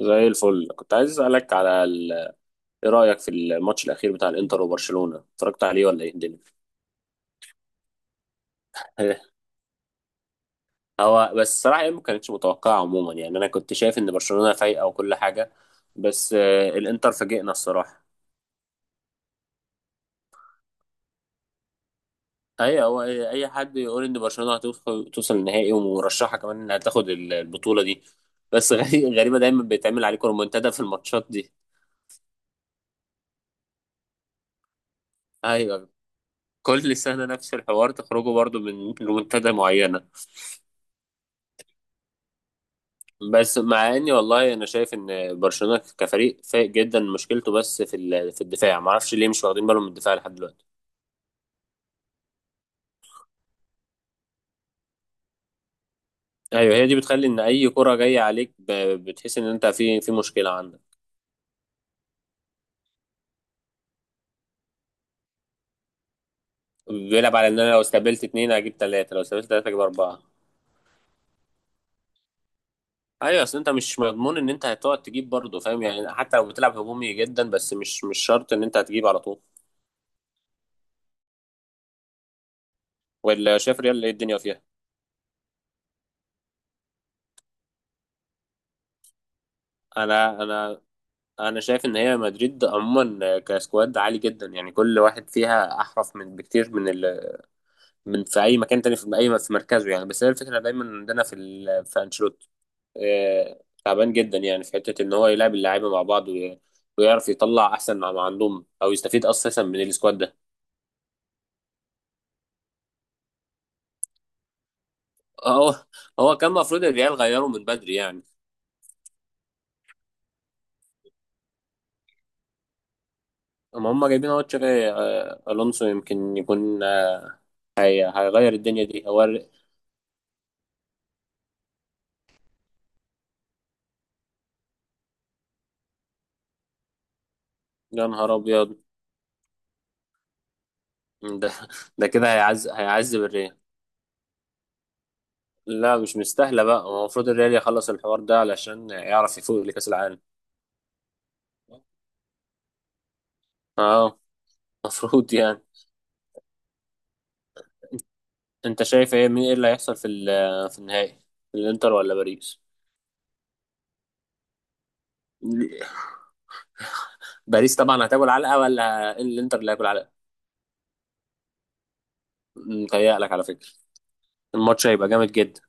زي الفل، كنت عايز اسالك على ايه رايك في الماتش الاخير بتاع الانتر وبرشلونه؟ اتفرجت عليه ولا ايه الدنيا؟ هو بس الصراحه يعني ما كانتش متوقعه عموما، يعني انا كنت شايف ان برشلونه فايقه وكل حاجه، بس الانتر فاجئنا الصراحه. اي هو اي أي حد يقول ان برشلونه هتوصل النهائي ومرشحه كمان انها تاخد البطوله دي. بس غريبه دايما بيتعمل عليكم رومنتادا في الماتشات دي. ايوه، كل سنه نفس الحوار، تخرجوا برضو من رومنتادا معينه. بس مع اني والله انا شايف ان برشلونه كفريق فايق جدا، مشكلته بس في الدفاع. ما اعرفش ليه مش واخدين بالهم من الدفاع لحد دلوقتي. ايوه، هي دي بتخلي ان اي كره جايه عليك بتحس ان انت في مشكله عندك. بيلعب على ان انا لو استقبلت اتنين هجيب تلاته، لو استقبلت تلاته هجيب اربعه. ايوه، اصل انت مش مضمون ان انت هتقعد تجيب برضه، فاهم؟ يعني حتى لو بتلعب هجومي جدا، بس مش شرط ان انت هتجيب على طول. ولا شايف ريال ايه الدنيا فيها؟ انا انا انا شايف ان هي مدريد عموما كسكواد عالي جدا، يعني كل واحد فيها احرف من بكتير من من في اي مكان تاني، في اي في مركزه يعني. بس هي الفكره دايما عندنا في انشيلوتي. تعبان جدا، يعني في حته ان هو يلعب اللعيبه مع بعض ويعرف يطلع احسن ما عندهم او يستفيد اساسا من السكواد ده. هو هو كان المفروض الريال غيره من بدري يعني. اما هم جايبين اهو تشابي الونسو، يمكن يكون هيغير الدنيا دي هو. يا نهار ابيض. ده ده كده هيعذب الريال. لا، مش مستاهله بقى. هو المفروض الريال يخلص الحوار ده علشان يعرف يفوق لكاس العالم. اه، المفروض يعني. انت شايف ايه، مين ايه اللي هيحصل في النهائي؟ الانتر ولا باريس؟ باريس طبعا هتاكل علقه، ولا الانتر اللي هياكل علقه؟ متهيألك على فكره، الماتش هيبقى جامد جدا.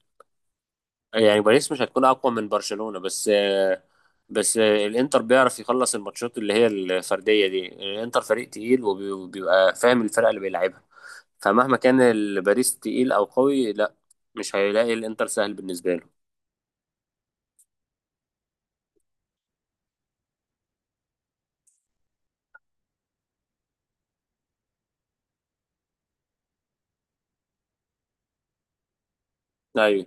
يعني باريس مش هتكون اقوى من برشلونه بس. بس الانتر بيعرف يخلص الماتشات اللي هي الفرديه دي. الانتر فريق تقيل وبي- وبيبقى فاهم الفرق اللي بيلعبها، فمهما كان الباريس تقيل او قوي، لا، مش هيلاقي الانتر سهل بالنسبه له. ايوه،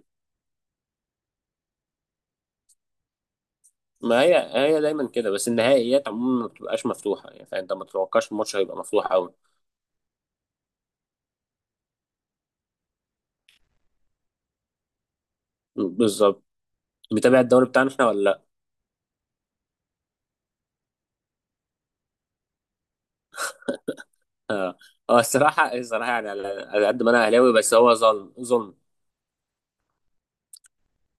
ما هي دايما كده، بس النهائيات عموما ما بتبقاش مفتوحه، يعني فانت ما تتوقعش الماتش هيبقى مفتوح قوي. بالظبط. متابع الدوري بتاعنا احنا ولا لا؟ اه الصراحه الصراحه، يعني على قد ما انا اهلاوي، بس هو ظلم ظلم.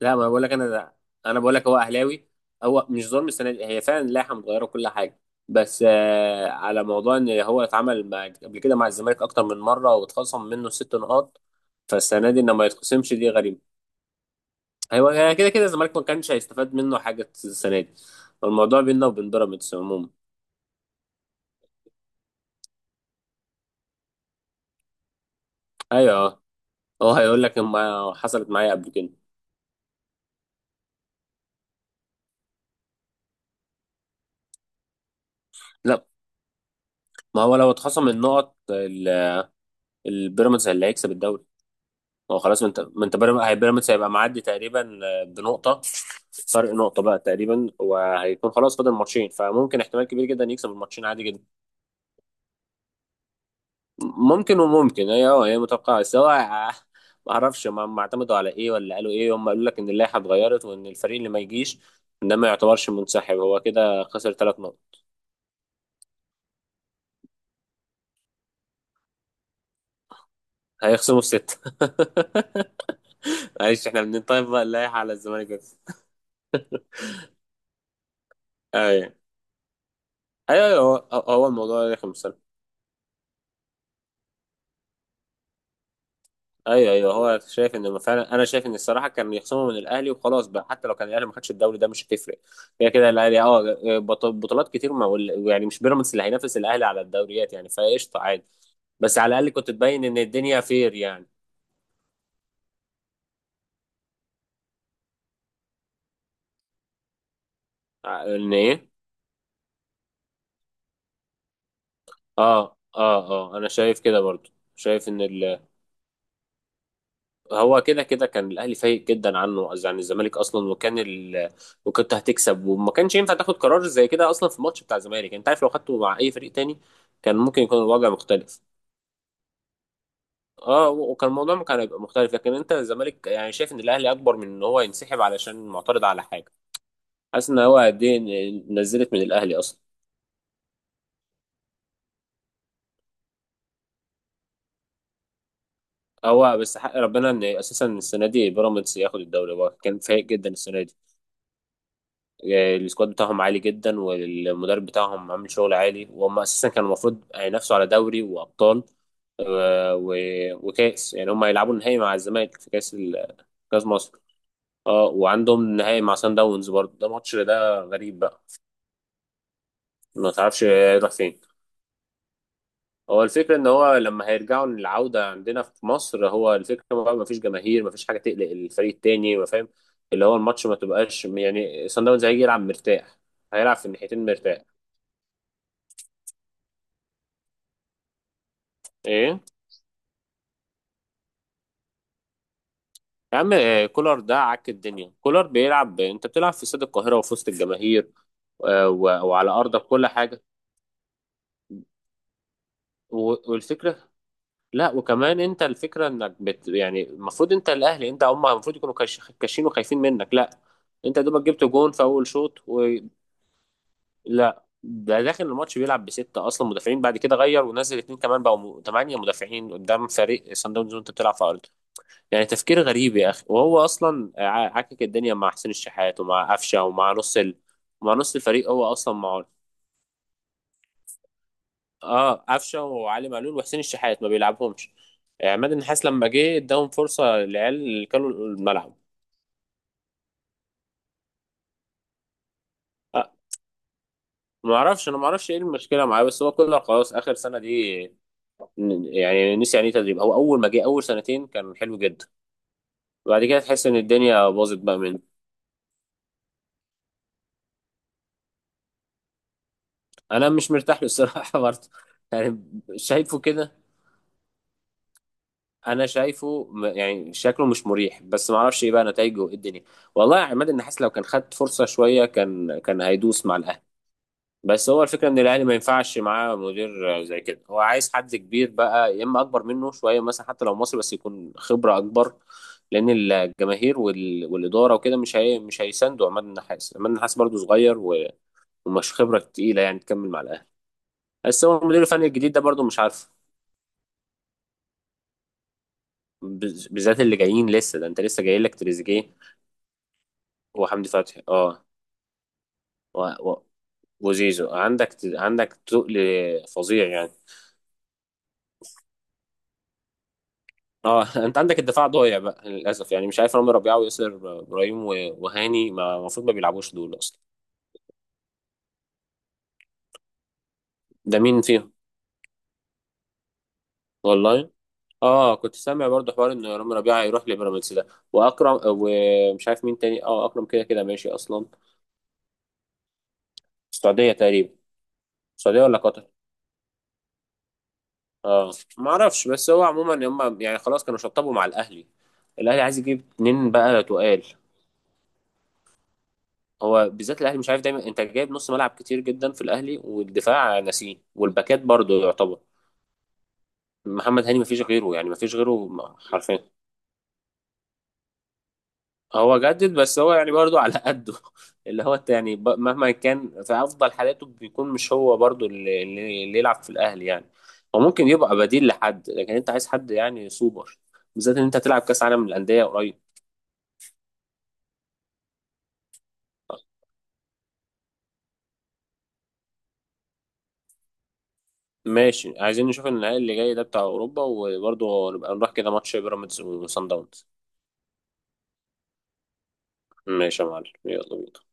لا ما بقول لك انا، انا بقول لك هو اهلاوي. هو مش ظلم، السنه دي هي فعلا اللائحه متغيره وكل حاجه، بس على موضوع ان هو اتعمل مع- قبل كده مع الزمالك اكتر من مره واتخصم منه 6 نقاط. فالسنه دي ان ما يتخصمش دي غريبه. ايوه، هي كده كده الزمالك ما كانش هيستفاد منه حاجه السنه دي، الموضوع بيننا وبين بيراميدز عموما. ايوه هو هيقول لك ما حصلت معايا قبل كده. لا، ما هو لو اتخصم النقط البيراميدز اللي هيكسب الدوري. هو خلاص، ما انت بيراميدز هيبقى معدي تقريبا بنقطه. فرق نقطه بقى تقريبا، وهيكون خلاص فاضل ماتشين، فممكن احتمال كبير جدا يكسب الماتشين عادي جدا. ممكن وممكن، هي متوقعه، بس هو ما اعرفش ما اعتمدوا على ايه ولا قالوا ايه. هم قالوا لك ان اللائحه اتغيرت وان الفريق اللي ما يجيش ده ما يعتبرش منسحب، هو كده خسر 3 نقط. هيخصموا الست. معلش، احنا بنطيب بقى اللائحه على الزمالك بس. ايوه، ايوه، أيوة، هو الموضوع رخم الصراحة. ايوه، ايوه، هو شايف ان فعلا، انا شايف ان الصراحه كان يخصموا من الاهلي وخلاص بقى، حتى لو كان الاهلي ما خدش الدوري ده مش هتفرق. كده كده الاهلي، اه، بطولات كتير ما يعني مش بيراميدز اللي هينافس الاهلي على الدوريات يعني، فقشطه عادي. بس على الاقل كنت تبين ان الدنيا فير يعني. ان ايه؟ اه، اه، اه، انا شايف كده برضو. شايف ان هو كده كده كان الاهلي فايق جدا عنه، قصدي عن الزمالك اصلا، وكان وكنت هتكسب، وما كانش ينفع تاخد قرار زي كده اصلا في الماتش بتاع الزمالك. يعني انت عارف لو خدته مع اي فريق تاني كان ممكن يكون الوضع مختلف. اه، وكان الموضوع كان هيبقى مختلف، لكن انت الزمالك يعني شايف ان الاهلي اكبر من ان هو ينسحب علشان معترض على حاجه. حاسس ان هو قد ايه نزلت من الاهلي اصلا. هو بس حق ربنا ان اساسا السنه دي بيراميدز ياخد الدوري، هو كان فايق جدا السنه دي. السكواد بتاعهم عالي جدا، والمدرب بتاعهم عامل شغل عالي، وهم اساسا كانوا المفروض هينافسوا على دوري وابطال وكاس. يعني هم هيلعبوا النهائي مع الزمالك في كاس مصر. اه، وعندهم النهائي مع سان داونز برضه، ده ماتش ده غريب بقى. ما تعرفش هيروح فين. هو الفكرة إن هو لما هيرجعوا للعودة عندنا في مصر، هو الفكرة بقى مفيش جماهير، مفيش حاجة تقلق الفريق التاني، ما فاهم؟ اللي هو الماتش ما تبقاش، يعني صن داونز هيجي يلعب مرتاح، هيلعب في الناحيتين مرتاح. إيه يا عم، كولر ده عك الدنيا. كولر بيلعب، انت بتلعب في استاد القاهرة وفي وسط الجماهير وعلى ارضك كل حاجة. و- والفكرة، لا، وكمان انت الفكرة انك بت، يعني المفروض انت الاهلي، انت هم المفروض يكونوا كاشين وخايفين منك. لا، انت دوبك جبت جون في اول شوط، ولا ده داخل الماتش بيلعب بستة اصلا مدافعين، بعد كده غير ونزل اتنين كمان بقوا 8 مدافعين قدام فريق صن داونز، وانت بتلعب في ارضك. يعني تفكير غريب يا اخي. وهو اصلا عكك الدنيا مع حسين الشحات ومع قفشه ومع نص ومع نص الفريق هو اصلا معاه. اه، قفشه وعلي معلول وحسين الشحات ما بيلعبهمش. عماد النحاس لما جه اداهم فرصه، العيال اللي كانوا الملعب. آه ما اعرفش، انا ما اعرفش ايه المشكله معاه، بس هو كله خلاص اخر سنه دي. يعني نسي يعني ايه تدريب. هو اول ما جه اول سنتين كان حلو جدا، وبعد كده تحس ان الدنيا باظت بقى منه. انا مش مرتاح له الصراحه برضه، يعني. شايفه كده؟ انا شايفه يعني شكله مش مريح، بس ما اعرفش ايه بقى نتائجه وايه الدنيا. والله يا عماد النحاس لو كان خد فرصه شويه كان هيدوس مع الاهلي. بس هو الفكره ان الاهلي ما ينفعش معاه مدير زي كده، هو عايز حد كبير بقى، يا اما اكبر منه شويه مثلا، حتى لو مصري بس يكون خبره اكبر. لان الجماهير والاداره وكده مش هيساندوا عماد النحاس. عماد النحاس برضه صغير ومش خبره تقيله يعني تكمل مع الاهلي. بس هو المدير الفني الجديد ده برضه مش عارف، بالذات اللي جايين لسه ده، انت لسه جاي لك تريزيجيه وحمدي فتحي، اه، و... و... وزيزو عندك، عندك تقل فظيع يعني. اه انت عندك الدفاع ضايع بقى للاسف، يعني مش عارف رامي ربيعه وياسر ابراهيم وهاني. ما المفروض ما بيلعبوش دول اصلا. ده مين فيهم؟ والله، اه، كنت سامع برضو حوار ان رامي ربيعه هيروح لبيراميدز ده، واكرم، ومش عارف مين تاني. اه، اكرم كده كده ماشي اصلا. السعوديه تقريبا. السعوديه ولا قطر؟ اه، ما اعرفش، بس هو عموما هم يعني خلاص كانوا شطبوا مع الاهلي. الاهلي عايز يجيب اتنين بقى تقال. هو بالذات الاهلي مش عارف دايما، انت جايب نص ملعب كتير جدا في الاهلي، والدفاع ناسيه، والباكات برضه يعتبر محمد هاني مفيش غيره، يعني مفيش غيره حرفيا. هو جدد، بس هو يعني برضه على قده اللي هو أنت، يعني ب- مهما كان في افضل حالاته بيكون مش هو برضه اللي يلعب في الاهلي يعني. هو ممكن يبقى بديل لحد، لكن انت عايز حد يعني سوبر، بالذات ان انت تلعب كاس عالم للانديه قريب. ماشي، عايزين نشوف النهائي اللي جاي ده بتاع اوروبا، وبرضه نبقى نروح كده ماتش بيراميدز وصن داونز. ماشي يا معلم، يلا بينا.